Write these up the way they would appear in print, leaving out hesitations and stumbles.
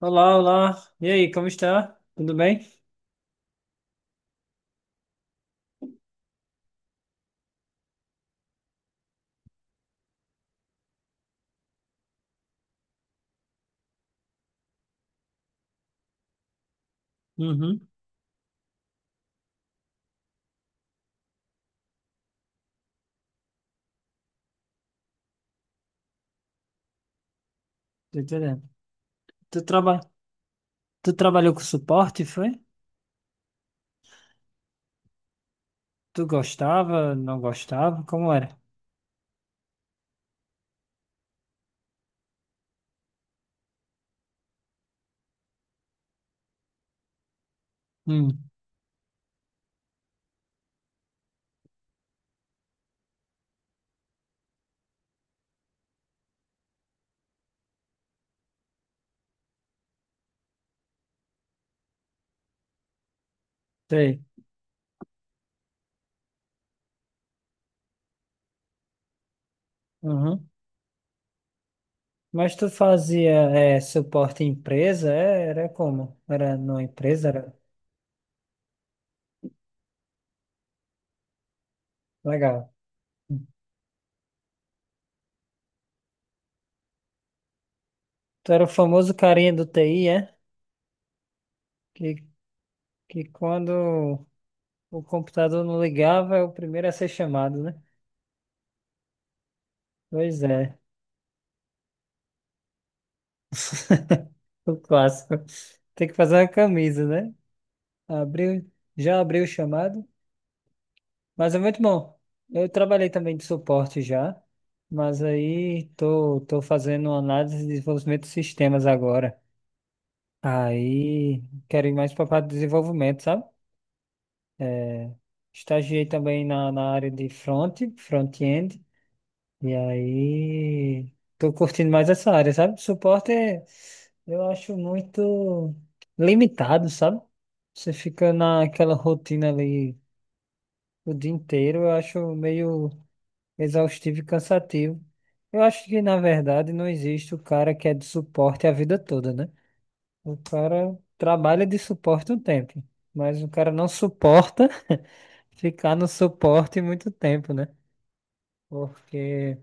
Olá, olá. E aí, como está? Tudo bem? Uhum, tô entendendo. Tu, traba... tu trabalhou com suporte, foi? Tu gostava, não gostava? Como era? Hum, sei. Uhum. Mas tu fazia é, suporte em empresa? É, era como? Era numa empresa? Era legal. Tu era o famoso carinha do TI, é? Que, que quando o computador não ligava, é o primeiro a ser chamado, né? Pois é, o clássico. Tem que fazer uma camisa, né? Abriu, já abriu o chamado, mas é muito bom. Eu trabalhei também de suporte já, mas aí tô fazendo uma análise de desenvolvimento de sistemas agora. Aí quero ir mais para a parte de desenvolvimento, sabe? É, estagiei também na área de front-end, e aí tô curtindo mais essa área, sabe? Suporte, eu acho muito limitado, sabe? Você fica naquela rotina ali o dia inteiro, eu acho meio exaustivo e cansativo. Eu acho que, na verdade, não existe o cara que é de suporte a vida toda, né? O cara trabalha de suporte um tempo, mas o cara não suporta ficar no suporte muito tempo, né? Porque,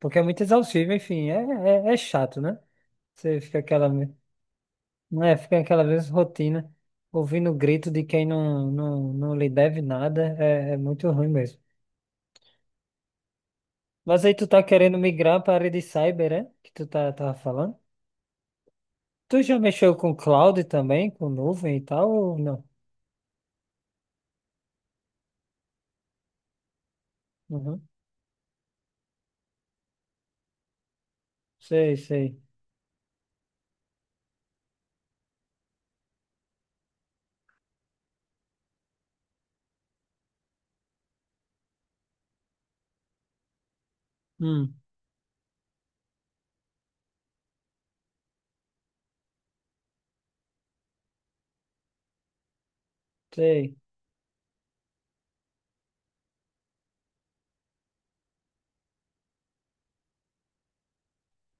porque é muito exaustivo, enfim, é chato, né? Você fica aquela, não é, fica aquela mesma rotina, ouvindo o grito de quem não lhe deve nada, é muito ruim mesmo. Mas aí tu tá querendo migrar para a área de cyber, é? Que tu tava falando. Tu já mexeu com cloud também, com nuvem e tal, ou não? Uhum. Sei, sei. Hum, sei.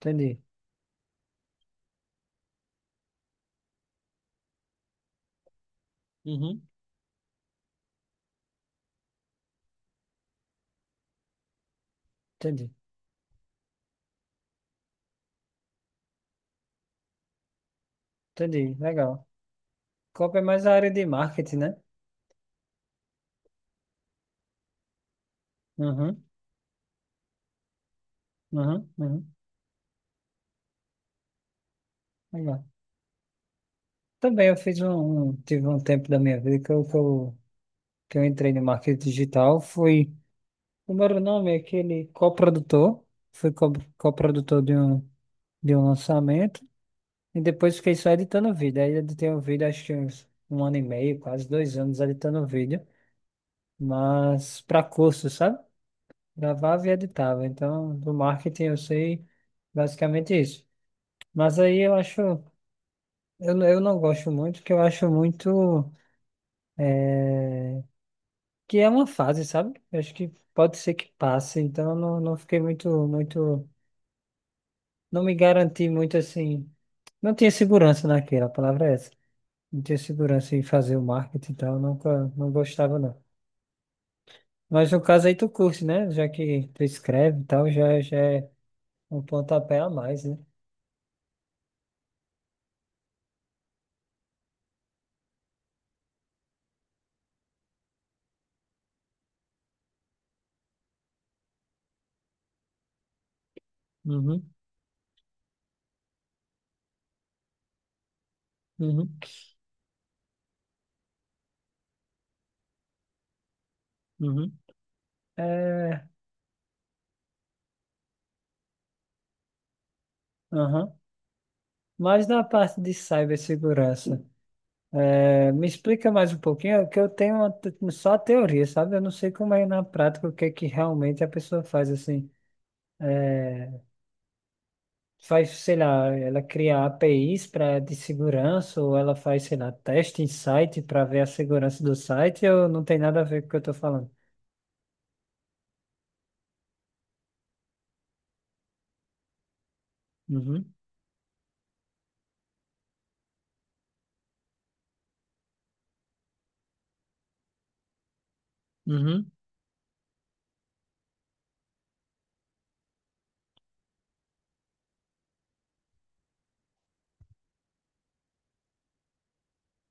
Entendi. Uhum. Entendi. Entendi. Legal. Copa é mais a área de marketing, né? Uhum. Uhum. Uhum. Legal. Também eu fiz tive um tempo da minha vida que eu entrei no marketing digital. O meu nome é aquele coprodutor. Fui coprodutor de um lançamento. E depois fiquei só editando vídeo. Aí editei o vídeo acho que uns um ano e meio, quase 2 anos editando vídeo. Mas para curso, sabe? Gravava e editava. Então, do marketing eu sei basicamente isso. Mas aí eu acho, eu não gosto muito, porque eu acho muito eh, que é uma fase, sabe? Eu acho que pode ser que passe. Então, eu não fiquei muito, muito, não me garanti muito assim. Não tinha segurança naquilo, a palavra é essa. Não tinha segurança em fazer o marketing e tal, nunca, não gostava não. Mas no caso aí tu curte, né? Já que tu escreve e tal, já é um pontapé a mais, né? Uhum, uhum, uhum. É, aham. Mas na parte de cibersegurança, é, me explica mais um pouquinho, é que eu tenho só a teoria, sabe? Eu não sei como é na prática, o que é que realmente a pessoa faz, assim. É, faz, sei lá, ela cria APIs para de segurança ou ela faz, sei lá, teste em site para ver a segurança do site ou não tem nada a ver com o que eu estou falando? Uhum, uhum,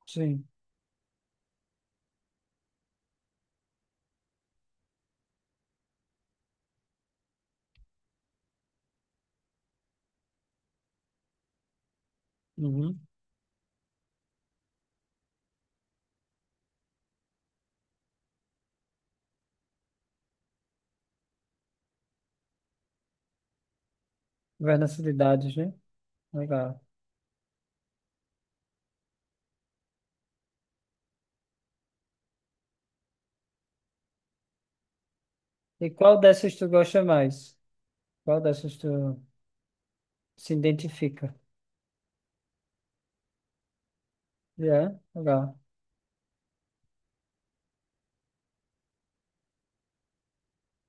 sim, uhum. Governança de dados, né? Legal. E qual dessas tu gosta mais? Qual dessas tu se identifica? Yeah, legal.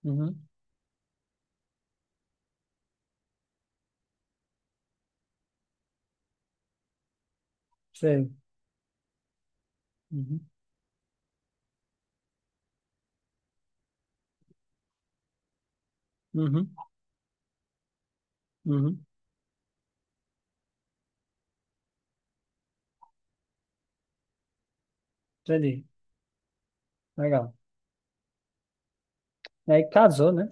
Uhum, sei. Uhum, uhum, uhum. Entendi. Legal. Aí casou, né?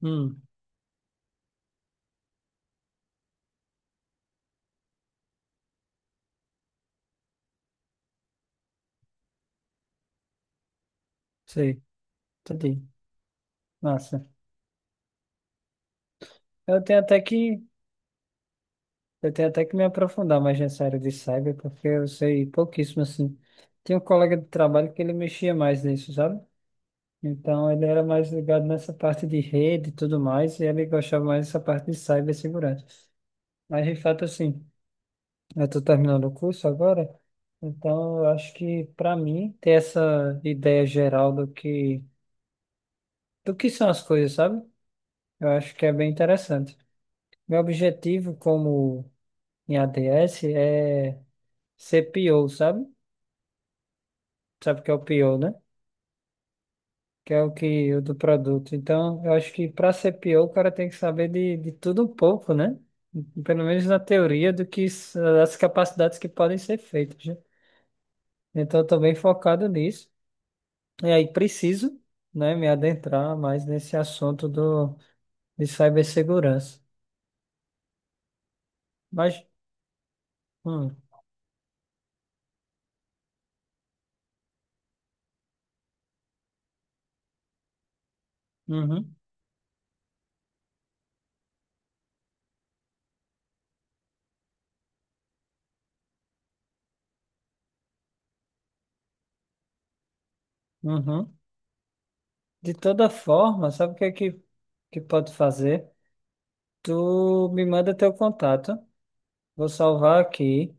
Hum, sei. Entendi. Massa. Eu tenho até que Eu tenho até que me aprofundar mais nessa área de cyber, porque eu sei pouquíssimo assim. Tinha um colega de trabalho que ele mexia mais nisso, sabe? Então ele era mais ligado nessa parte de rede e tudo mais, e ele gostava mais dessa parte de cibersegurança. Mas de fato, assim, eu estou terminando o curso agora, então eu acho que para mim ter essa ideia geral do que, são as coisas, sabe? Eu acho que é bem interessante. Meu objetivo como em ADS é ser PO, sabe? Sabe o que é o PO, né? Que é o que o do produto. Então, eu acho que para ser PO, o cara tem que saber de tudo um pouco, né? Pelo menos na teoria do que as capacidades que podem ser feitas, né? Então, eu estou bem focado nisso. E aí preciso, né, me adentrar mais nesse assunto do de cibersegurança. Mas, hum, uhum, uhum. De toda forma, sabe o que é que pode fazer? Tu me manda teu contato. Vou salvar aqui.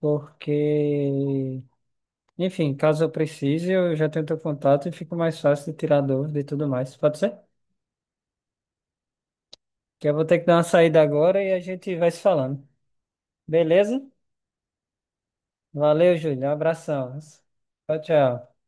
Porque, enfim, caso eu precise, eu já tenho teu contato e fica mais fácil de tirar dúvida e tudo mais. Pode ser? Que eu vou ter que dar uma saída agora e a gente vai se falando. Beleza? Valeu, Júlio. Um abração. Tchau, tchau.